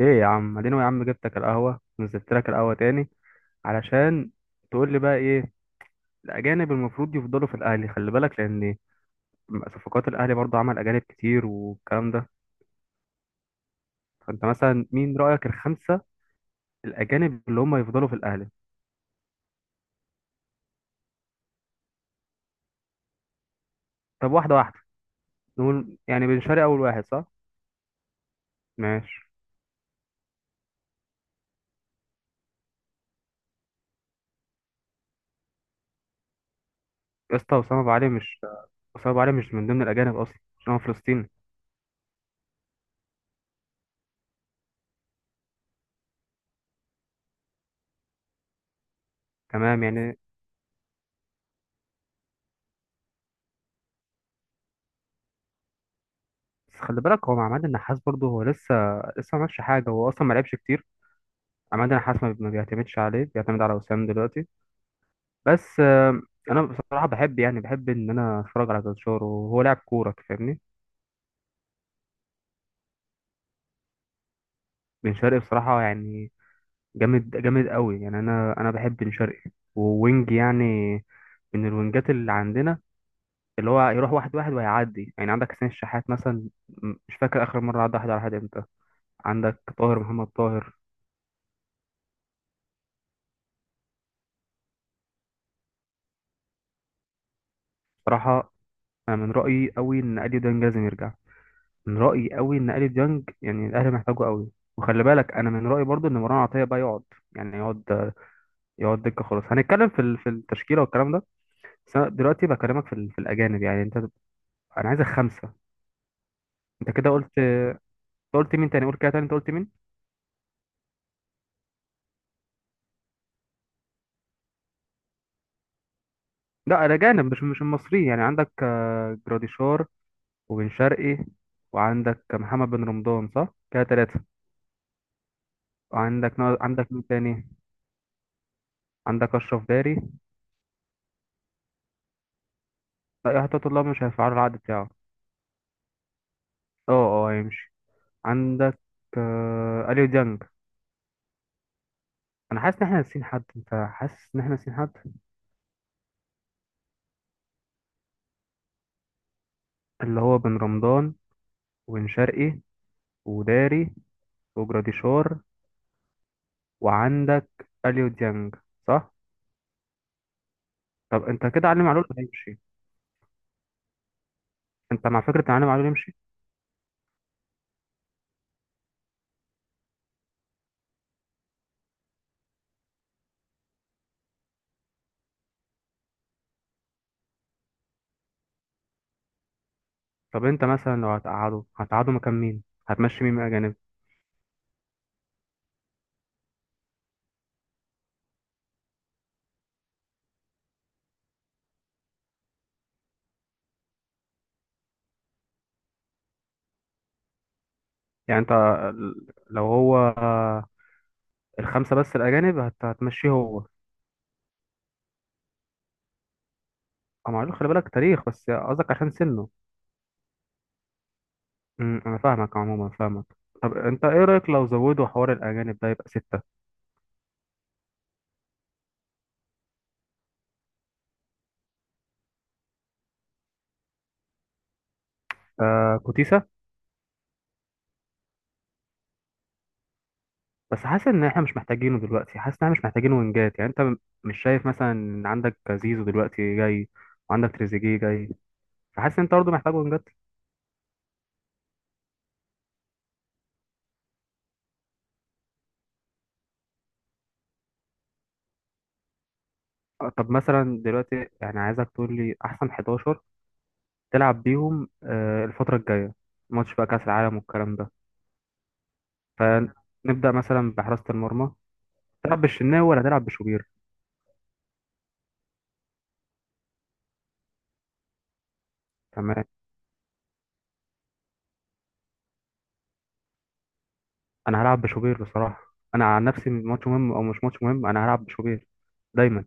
ايه يا عم، اديني يا عم. جبتك القهوه، نزلت لك القهوه تاني علشان تقول لي بقى ايه الاجانب المفروض يفضلوا في الاهلي. خلي بالك، لان صفقات الاهلي برضو عمل اجانب كتير والكلام ده. فانت مثلا مين رايك الخمسه الاجانب اللي هم يفضلوا في الاهلي؟ طب واحده واحده، نقول يعني بن شرقي اول واحد صح؟ ماشي. يا اسطى، اسامه ابو علي مش، اسامه ابو علي مش من ضمن الاجانب اصلا عشان هو فلسطيني. تمام يعني. بس خلي بالك هو مع عماد النحاس برضه هو لسه لسه ما عملش حاجه، هو اصلا ما لعبش كتير. عماد النحاس ما بيعتمدش عليه، بيعتمد على وسام دلوقتي. بس انا بصراحه بحب، يعني بحب ان انا اتفرج على جلشار وهو لاعب كوره، فاهمني؟ بن شرقي بصراحه يعني جامد جامد قوي يعني. انا بحب بن شرقي ووينج يعني، من الوينجات اللي عندنا، اللي هو يروح واحد واحد وهيعدي. يعني عندك حسين الشحات مثلا مش فاكر اخر مره عدى واحد على واحد امتى. عندك طاهر محمد طاهر. بصراحه انا من رايي قوي ان اديو ده لازم يرجع، من رأيي قوي ان اليو ديانج يعني الاهلي محتاجه قوي. وخلي بالك انا من رأيي برضو ان مروان عطية بقى يقعد، يعني يقعد، يقعد دكة. خلاص هنتكلم في في التشكيلة والكلام ده. بس انا دلوقتي بكلمك في في الاجانب، يعني انت، انا عايزك خمسة. انت كده قلت، أنت قلت مين تاني؟ قول كده تاني، انت قلت مين؟ لا الاجانب، مش المصريين. يعني عندك جراديشار وبن شرقي، وعندك محمد بن رمضان، صح كده ثلاثة. وعندك عندك مين تاني؟ عندك اشرف داري. لا، يا حتى الله مش هيفعلوا العقد بتاعه. اه. اه هيمشي. عندك اليو ديانج. انا حاسس ان احنا ناسيين حد، انت حاسس ان احنا ناسيين حد؟ اللي هو بن رمضان وبن شرقي وداري وجراديشار، وعندك اليو ديانج. صح. طب انت كده علي معلول هيمشي؟ انت مع فكره ان علي معلول يمشي؟ طب انت مثلا لو هتقعده، هتقعده مكان مين؟ هتمشي مين من الاجانب؟ يعني انت لو هو الخمسه بس الاجانب، هتمشيه هو؟ أه معلول، خلي بالك تاريخ. بس قصدك عشان سنه؟ انا فاهمك، عموما فاهمك. طب انت ايه رايك لو زودوا حوار الاجانب ده يبقى سته؟ كوتيسا؟ بس حاسس ان احنا مش محتاجينه دلوقتي، حاسس ان احنا مش محتاجين وينجات. يعني انت مش شايف مثلا ان عندك زيزو دلوقتي جاي، وعندك تريزيجيه جاي؟ فحاسس ان انت برضه محتاج وينجات. طب مثلا دلوقتي يعني عايزك تقول لي احسن 11 تلعب بيهم الفتره الجايه، ماتش بقى كاس العالم والكلام ده. فنبدا مثلا بحراسه المرمى، تلعب بالشناوي ولا تلعب بشوبير؟ تمام. انا هلعب بشوبير بصراحه. انا عن نفسي، ماتش مهم او مش ماتش مهم، انا هلعب بشوبير دايما.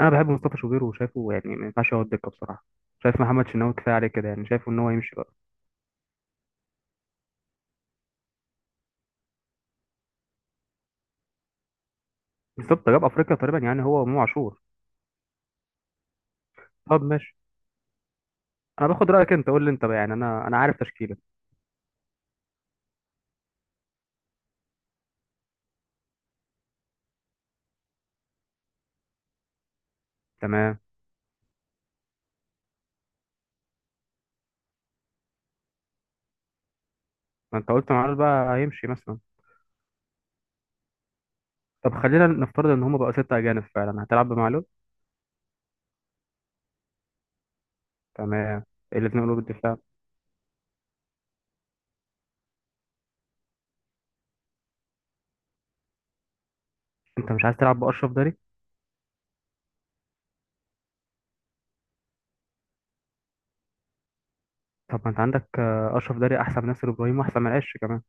انا بحب مصطفى شوبير وشايفه يعني ما ينفعش يقعد دكه بصراحه. شايف محمد شناوي كفايه عليه كده، يعني شايفه ان هو يمشي بقى. بالظبط، جاب افريقيا تقريبا، يعني هو وامام عاشور. طب ماشي، انا باخد رايك. انت قول لي انت بقى، يعني انا انا عارف تشكيله. تمام. ما انت قلت معلول بقى هيمشي مثلا. طب خلينا نفترض ان هما بقوا سته اجانب فعلا، هتلعب بمعلول؟ تمام. الاثنين قلوب الدفاع، انت مش عايز تلعب باشرف داري؟ طب ما انت عندك اشرف داري احسن من ياسر ابراهيم، واحسن من عش كمان.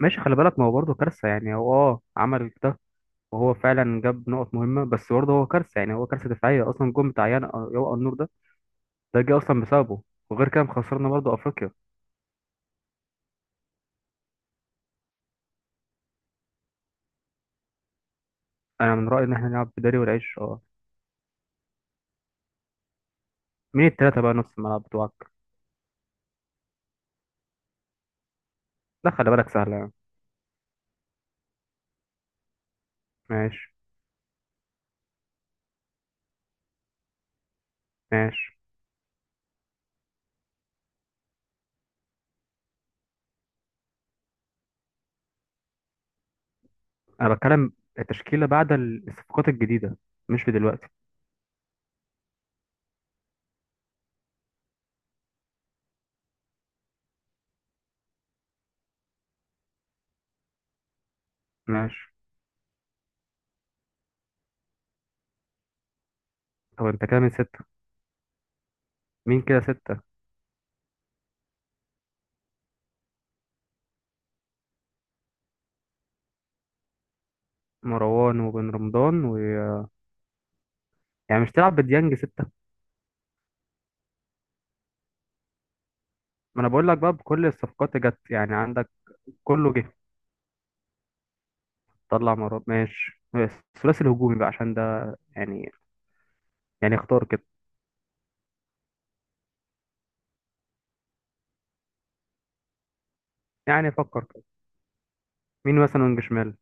ماشي، خلي بالك ما هو برضه كارثة. يعني هو اه، عمل ده، وهو فعلا جاب نقط مهمة، بس برضه هو كارثة يعني. هو كارثة دفاعية أصلا. جون بتاع يوقع النور ده، ده جه أصلا بسببه. وغير كده خسرنا برضه أفريقيا. أنا من رأيي إن إحنا نلعب بداري والعيش، اه. مين التلاتة بقى نص الملعب بتوعك؟ لا خلي بالك سهلة يعني. ماشي ماشي. أنا بتكلم التشكيلة بعد الصفقات الجديدة، مش في دلوقتي. ماشي. طب أنت كده من ستة، مين كده ستة؟ مروان وبن رمضان و، يعني مش تلعب بديانج ستة؟ ما أنا بقول لك بقى بكل الصفقات اللي جت يعني، عندك كله جه. طلع مراد، ماشي. الثلاثي الهجومي بقى، عشان ده يعني يعني اختار كده، يعني فكر كده. مين مثلا وينج شمال؟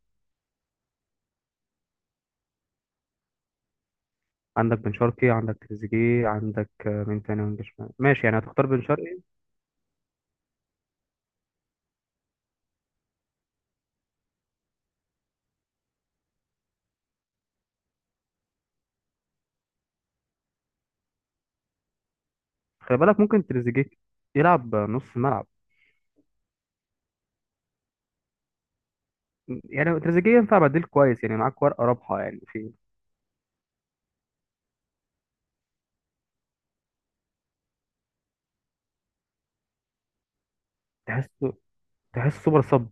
عندك بن شرقي، عندك تريزيجيه، عندك مين تاني وينج شمال؟ ماشي يعني هتختار بن شرقي. خلي بالك ممكن تريزيجيه يلعب نص ملعب. يعني تريزيجيه ينفع بديل كويس، يعني معاك ورقة رابحة يعني في، تحس، تحس سوبر صب.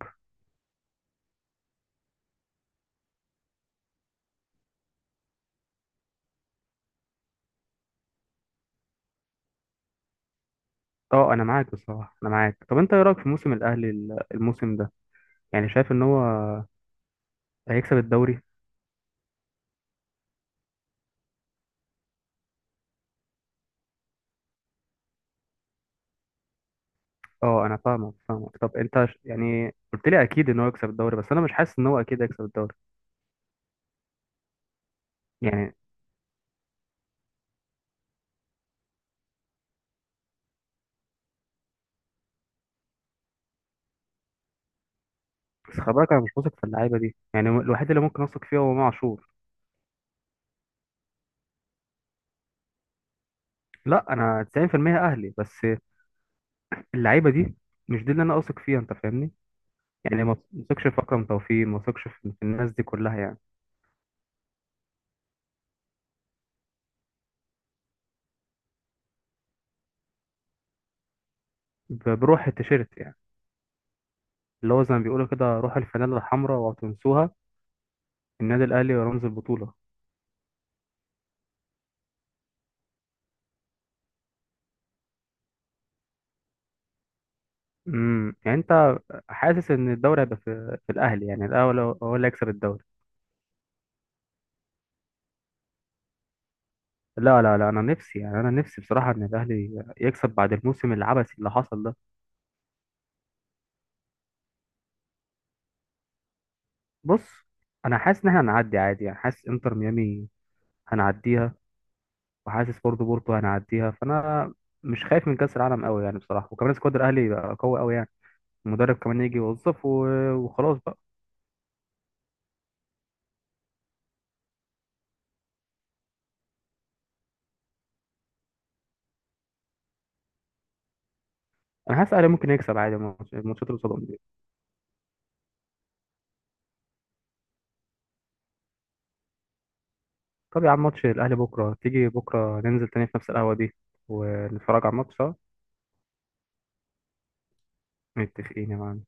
اه انا معاك بصراحة، انا معاك. طب انت ايه رأيك في موسم الاهلي الموسم ده؟ يعني شايف ان هو هيكسب الدوري؟ اه انا فاهمك، فاهمك. طب انت يعني قلت لي اكيد ان هو يكسب الدوري، بس انا مش حاسس ان هو اكيد هيكسب الدوري يعني. بس خلي بالك انا مش واثق في اللعيبه دي يعني. هو الوحيد اللي ممكن اثق فيه هو امام عاشور. لا انا 90% اهلي، بس اللعيبه دي مش دي اللي انا اثق فيها، انت فاهمني؟ يعني ما اثقش في اكرم توفيق، ما اثقش في في الناس دي كلها يعني. بروح التيشيرت يعني، اللي هو زي ما بيقولوا كده، روح الفانيلا الحمراء وتنسوها. النادي الاهلي رمز البطوله. امم، يعني انت حاسس ان الدوري هيبقى في الاهلي يعني الاول؟ هو هو اللي هيكسب الدوري؟ لا لا لا، انا نفسي يعني، انا نفسي بصراحه ان الاهلي يكسب بعد الموسم العبثي اللي حصل ده. بص، انا حاسس ان احنا هنعدي عادي. يعني حاسس انتر ميامي هنعديها، وحاسس برضه بورتو هنعديها. فانا مش خايف من كاس العالم قوي يعني بصراحه. وكمان سكواد الاهلي بقى قوي قوي يعني، المدرب كمان يجي يوظف وخلاص بقى. انا حاسس الاهلي ممكن يكسب عادي الماتشات اللي قصادهم دي. طب يا عم، ماتش الاهلي بكره، تيجي بكره ننزل تاني في نفس القهوه دي ونتفرج على الماتش سوا؟ متفقين يا معلم.